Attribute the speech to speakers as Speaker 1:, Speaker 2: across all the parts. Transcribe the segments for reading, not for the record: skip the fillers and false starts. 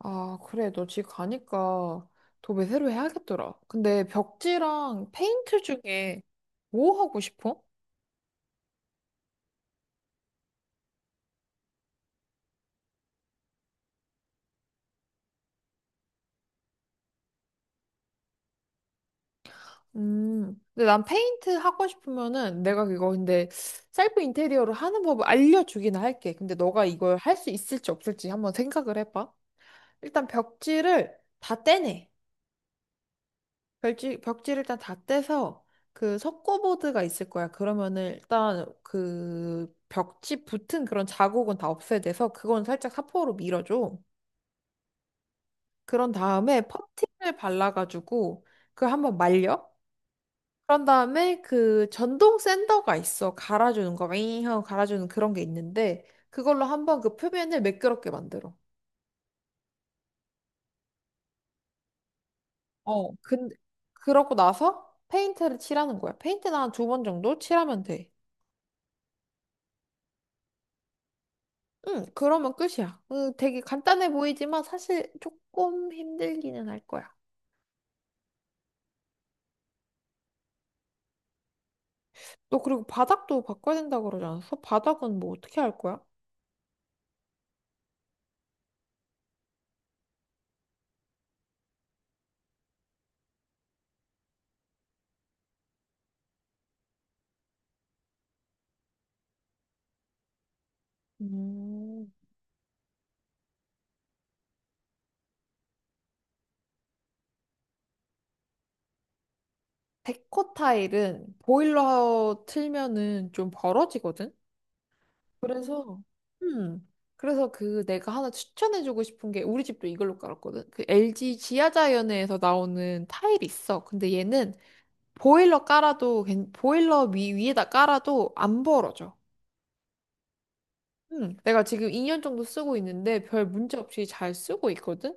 Speaker 1: 아, 그래. 너 집 가니까 도배 새로 해야겠더라. 근데 벽지랑 페인트 중에 뭐 하고 싶어? 근데 난 페인트 하고 싶으면은 내가 그거 근데 셀프 인테리어를 하는 법을 알려주긴 할게. 근데 너가 이걸 할 수 있을지 없을지 한번 생각을 해봐. 일단 벽지를 다 떼내. 벽지를 일단 다 떼서 그 석고보드가 있을 거야. 그러면은 일단 그 벽지 붙은 그런 자국은 다 없애야 돼서 그건 살짝 사포로 밀어줘. 그런 다음에 퍼팅을 발라가지고 그 한번 말려? 그런 다음에 그 전동 샌더가 있어. 갈아주는 거, 윙 하고 갈아주는 그런 게 있는데 그걸로 한번 그 표면을 매끄럽게 만들어. 어, 근 그러고 나서 페인트를 칠하는 거야. 페인트는 한 두 번 정도 칠하면 돼. 응, 그러면 끝이야. 응, 되게 간단해 보이지만 사실 조금 힘들기는 할 거야. 너 그리고 바닥도 바꿔야 된다고 그러지 않았어? 바닥은 뭐 어떻게 할 거야? 음, 데코 타일은 보일러 틀면은 좀 벌어지거든? 그래서, 음, 그래서 그 내가 하나 추천해주고 싶은 게 우리 집도 이걸로 깔았거든? 그 LG 지하자연에서 나오는 타일이 있어. 근데 얘는 보일러 깔아도, 보일러 위에다 깔아도 안 벌어져. 응, 내가 지금 2년 정도 쓰고 있는데 별 문제 없이 잘 쓰고 있거든?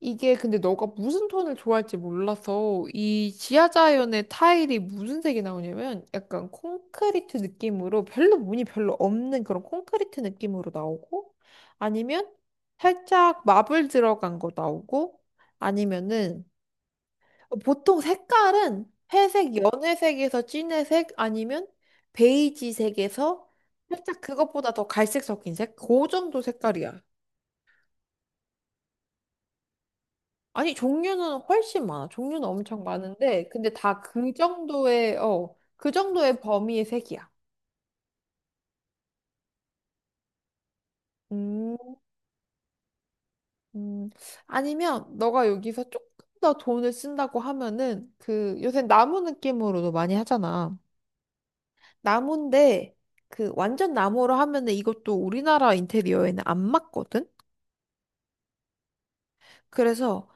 Speaker 1: 이게 근데 너가 무슨 톤을 좋아할지 몰라서 이 지하자연의 타일이 무슨 색이 나오냐면 약간 콘크리트 느낌으로 별로 무늬 별로 없는 그런 콘크리트 느낌으로 나오고 아니면 살짝 마블 들어간 거 나오고 아니면은 어, 보통 색깔은 회색, 연회색에서 진회색 아니면 베이지색에서 살짝 그것보다 더 갈색 섞인 색? 그 정도 색깔이야. 아니, 종류는 훨씬 많아. 종류는 엄청 많은데, 근데 다 그 정도의, 어, 그 정도의 범위의 색이야. 음, 음. 아니면 너가 여기서 조금 더 돈을 쓴다고 하면은 그 요새 나무 느낌으로도 많이 하잖아. 나무인데 그 완전 나무로 하면은 이것도 우리나라 인테리어에는 안 맞거든? 그래서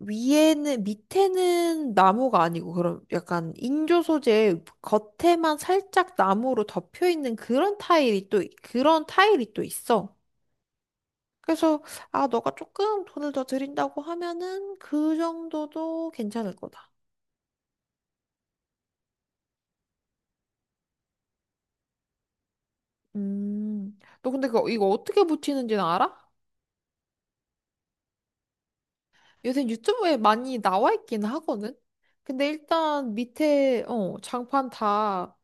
Speaker 1: 위에는 밑에는 나무가 아니고 그런 약간 인조 소재 겉에만 살짝 나무로 덮여 있는 그런 타일이 또 그런 타일이 또 있어. 그래서 아 너가 조금 돈을 더 드린다고 하면은 그 정도도 괜찮을 거다. 음. 너 근데 이거 어떻게 붙이는지는 알아? 요새 유튜브에 많이 나와 있긴 하거든? 근데 일단 밑에, 어, 장판 다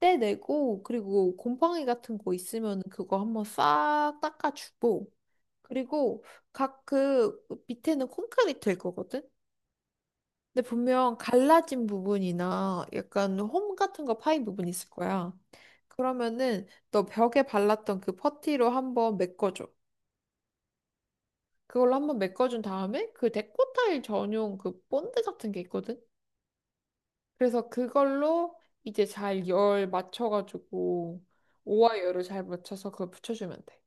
Speaker 1: 떼내고, 그리고 곰팡이 같은 거 있으면 그거 한번 싹 닦아주고, 그리고 각 그 밑에는 콘크리트일 거거든? 근데 분명 갈라진 부분이나 약간 홈 같은 거 파인 부분 있을 거야. 그러면은 너 벽에 발랐던 그 퍼티로 한번 메꿔줘. 그걸로 한번 메꿔준 다음에 그 데코 타일 전용 그 본드 같은 게 있거든? 그래서 그걸로 이제 잘 열 맞춰가지고 오와 열을 잘 맞춰서 그걸 붙여주면 돼.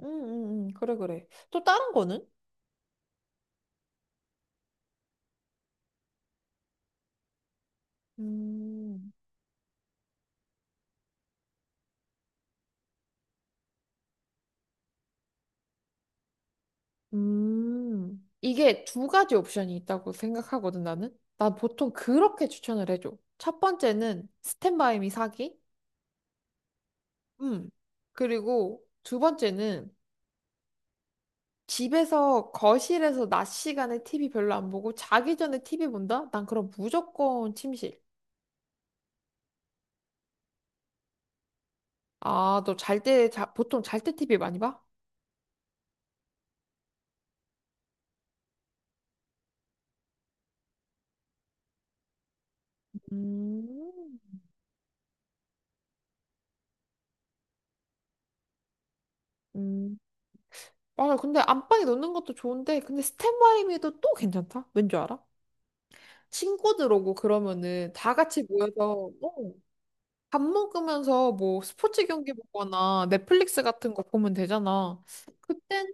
Speaker 1: 그래, 그래. 또 다른 거는? 음, 이게 두 가지 옵션이 있다고 생각하거든, 나는. 난 보통 그렇게 추천을 해줘. 첫 번째는 스탠바이미 사기. 음. 그리고 두 번째는 집에서 거실에서 낮 시간에 TV 별로 안 보고 자기 전에 TV 본다? 난 그럼 무조건 침실. 아, 너 잘 때, 자, 보통 잘 때 TV 많이 봐? 음, 음. 맞아. 근데 안방에 놓는 것도 좋은데, 근데 스탠바이미도 또 괜찮다. 왠 줄 알아? 친구들 오고 그러면은 다 같이 모여서 어, 밥 먹으면서 뭐 스포츠 경기 보거나 넷플릭스 같은 거 보면 되잖아. 그때는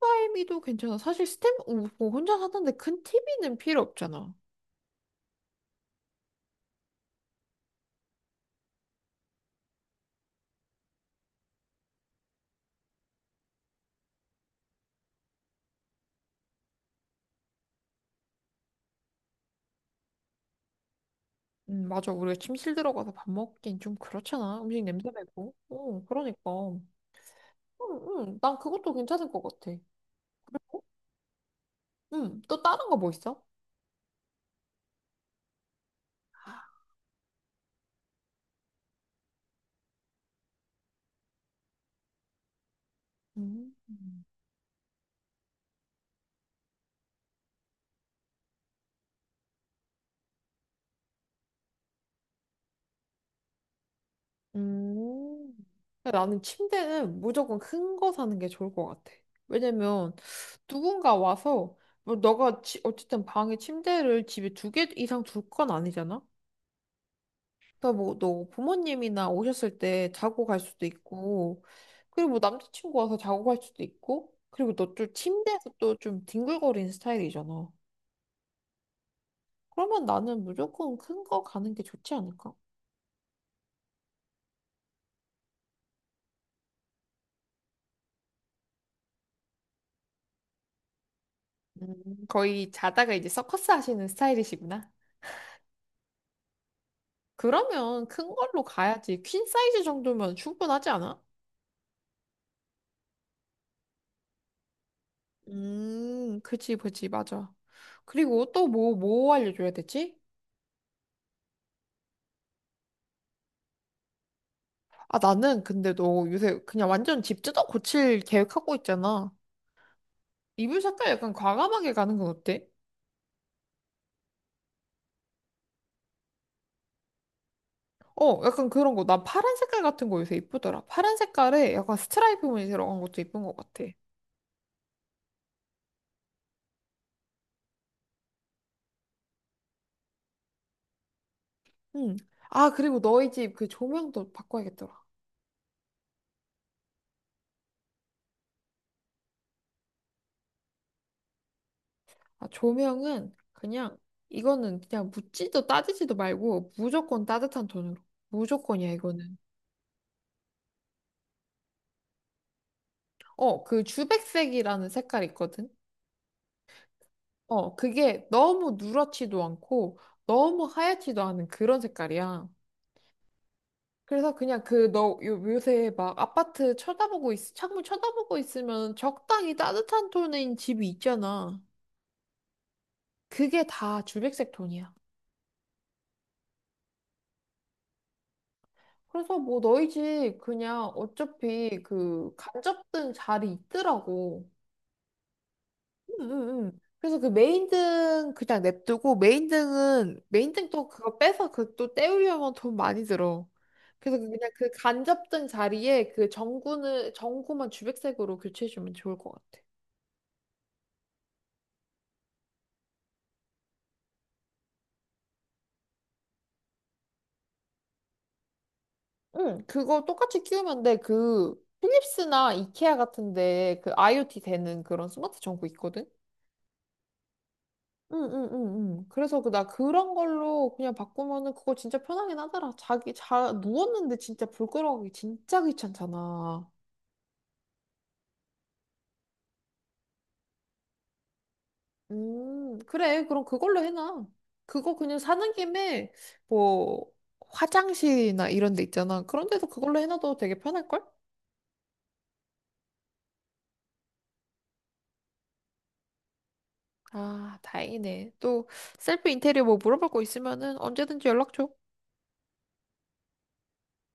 Speaker 1: 스탠바이미도 괜찮아. 사실 뭐 혼자 사는데 큰 TV는 필요 없잖아. 맞아. 우리가 침실 들어가서 밥 먹긴 좀 그렇잖아. 음식 냄새 맡고. 어, 그러니까. 응, 응. 난 그것도 괜찮을 것 같아. 응, 또 다른 거 뭐 있어? 음. 음. 근데 나는 침대는 무조건 큰 거 사는 게 좋을 것 같아. 왜냐면 누군가 와서 뭐 너가 어쨌든 방에 침대를 집에 두 개 이상 둘 건 아니잖아. 그러니까 뭐 너 부모님이나 오셨을 때 자고 갈 수도 있고, 그리고 뭐 남자친구 와서 자고 갈 수도 있고, 그리고 너 좀 침대에서 또 좀 뒹굴거리는 스타일이잖아. 그러면 나는 무조건 큰 거 가는 게 좋지 않을까? 거의 자다가 이제 서커스 하시는 스타일이시구나. 그러면 큰 걸로 가야지. 퀸 사이즈 정도면 충분하지 않아? 그지, 그지, 맞아. 그리고 또 뭐 알려줘야 되지? 아, 나는 근데 너 요새 그냥 완전 집 뜯어 고칠 계획하고 있잖아. 이불 색깔 약간 과감하게 가는 건 어때? 어, 약간 그런 거. 나 파란 색깔 같은 거 요새 이쁘더라. 파란 색깔에 약간 스트라이프 무늬 들어간 것도 이쁜 것 같아. 응. 아, 그리고 너희 집 그 조명도 바꿔야겠더라. 아, 조명은 그냥 이거는 그냥 묻지도 따지지도 말고 무조건 따뜻한 톤으로. 무조건이야, 이거는. 어, 그 주백색이라는 색깔 있거든? 어, 그게 너무 누렇지도 않고 너무 하얗지도 않은 그런 색깔이야. 그래서 그냥 그 너 요새 막 아파트 쳐다보고 있, 창문 쳐다보고 있으면 적당히 따뜻한 톤인 집이 있잖아. 그게 다 주백색 톤이야. 그래서 뭐 너희 집 그냥 어차피 그 간접등 자리 있더라고. 응응응. 그래서 그 메인등 그냥 냅두고 메인등은 메인등 또 그거 빼서 그 또 떼우려면 돈 많이 들어. 그래서 그냥 그 간접등 자리에 그 전구는 전구만 주백색으로 교체해주면 좋을 것 같아. 응, 그거 똑같이 끼우면 돼. 그 필립스나 이케아 같은데 그 IoT 되는 그런 스마트 전구 있거든. 응응응응. 그래서 그 나 그런 걸로 그냥 바꾸면은 그거 진짜 편하긴 하더라. 자기 자 누웠는데 진짜 불 끌어가기 진짜 귀찮잖아. 음, 그래, 그럼 그걸로 해놔. 그거 그냥 사는 김에 뭐 화장실이나 이런 데 있잖아. 그런 데도 그걸로 해놔도 되게 편할걸? 아, 다행이네. 또 셀프 인테리어 뭐 물어볼 거 있으면은 언제든지 연락 줘.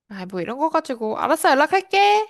Speaker 1: 아, 뭐 이런 거 가지고, 알았어, 연락할게.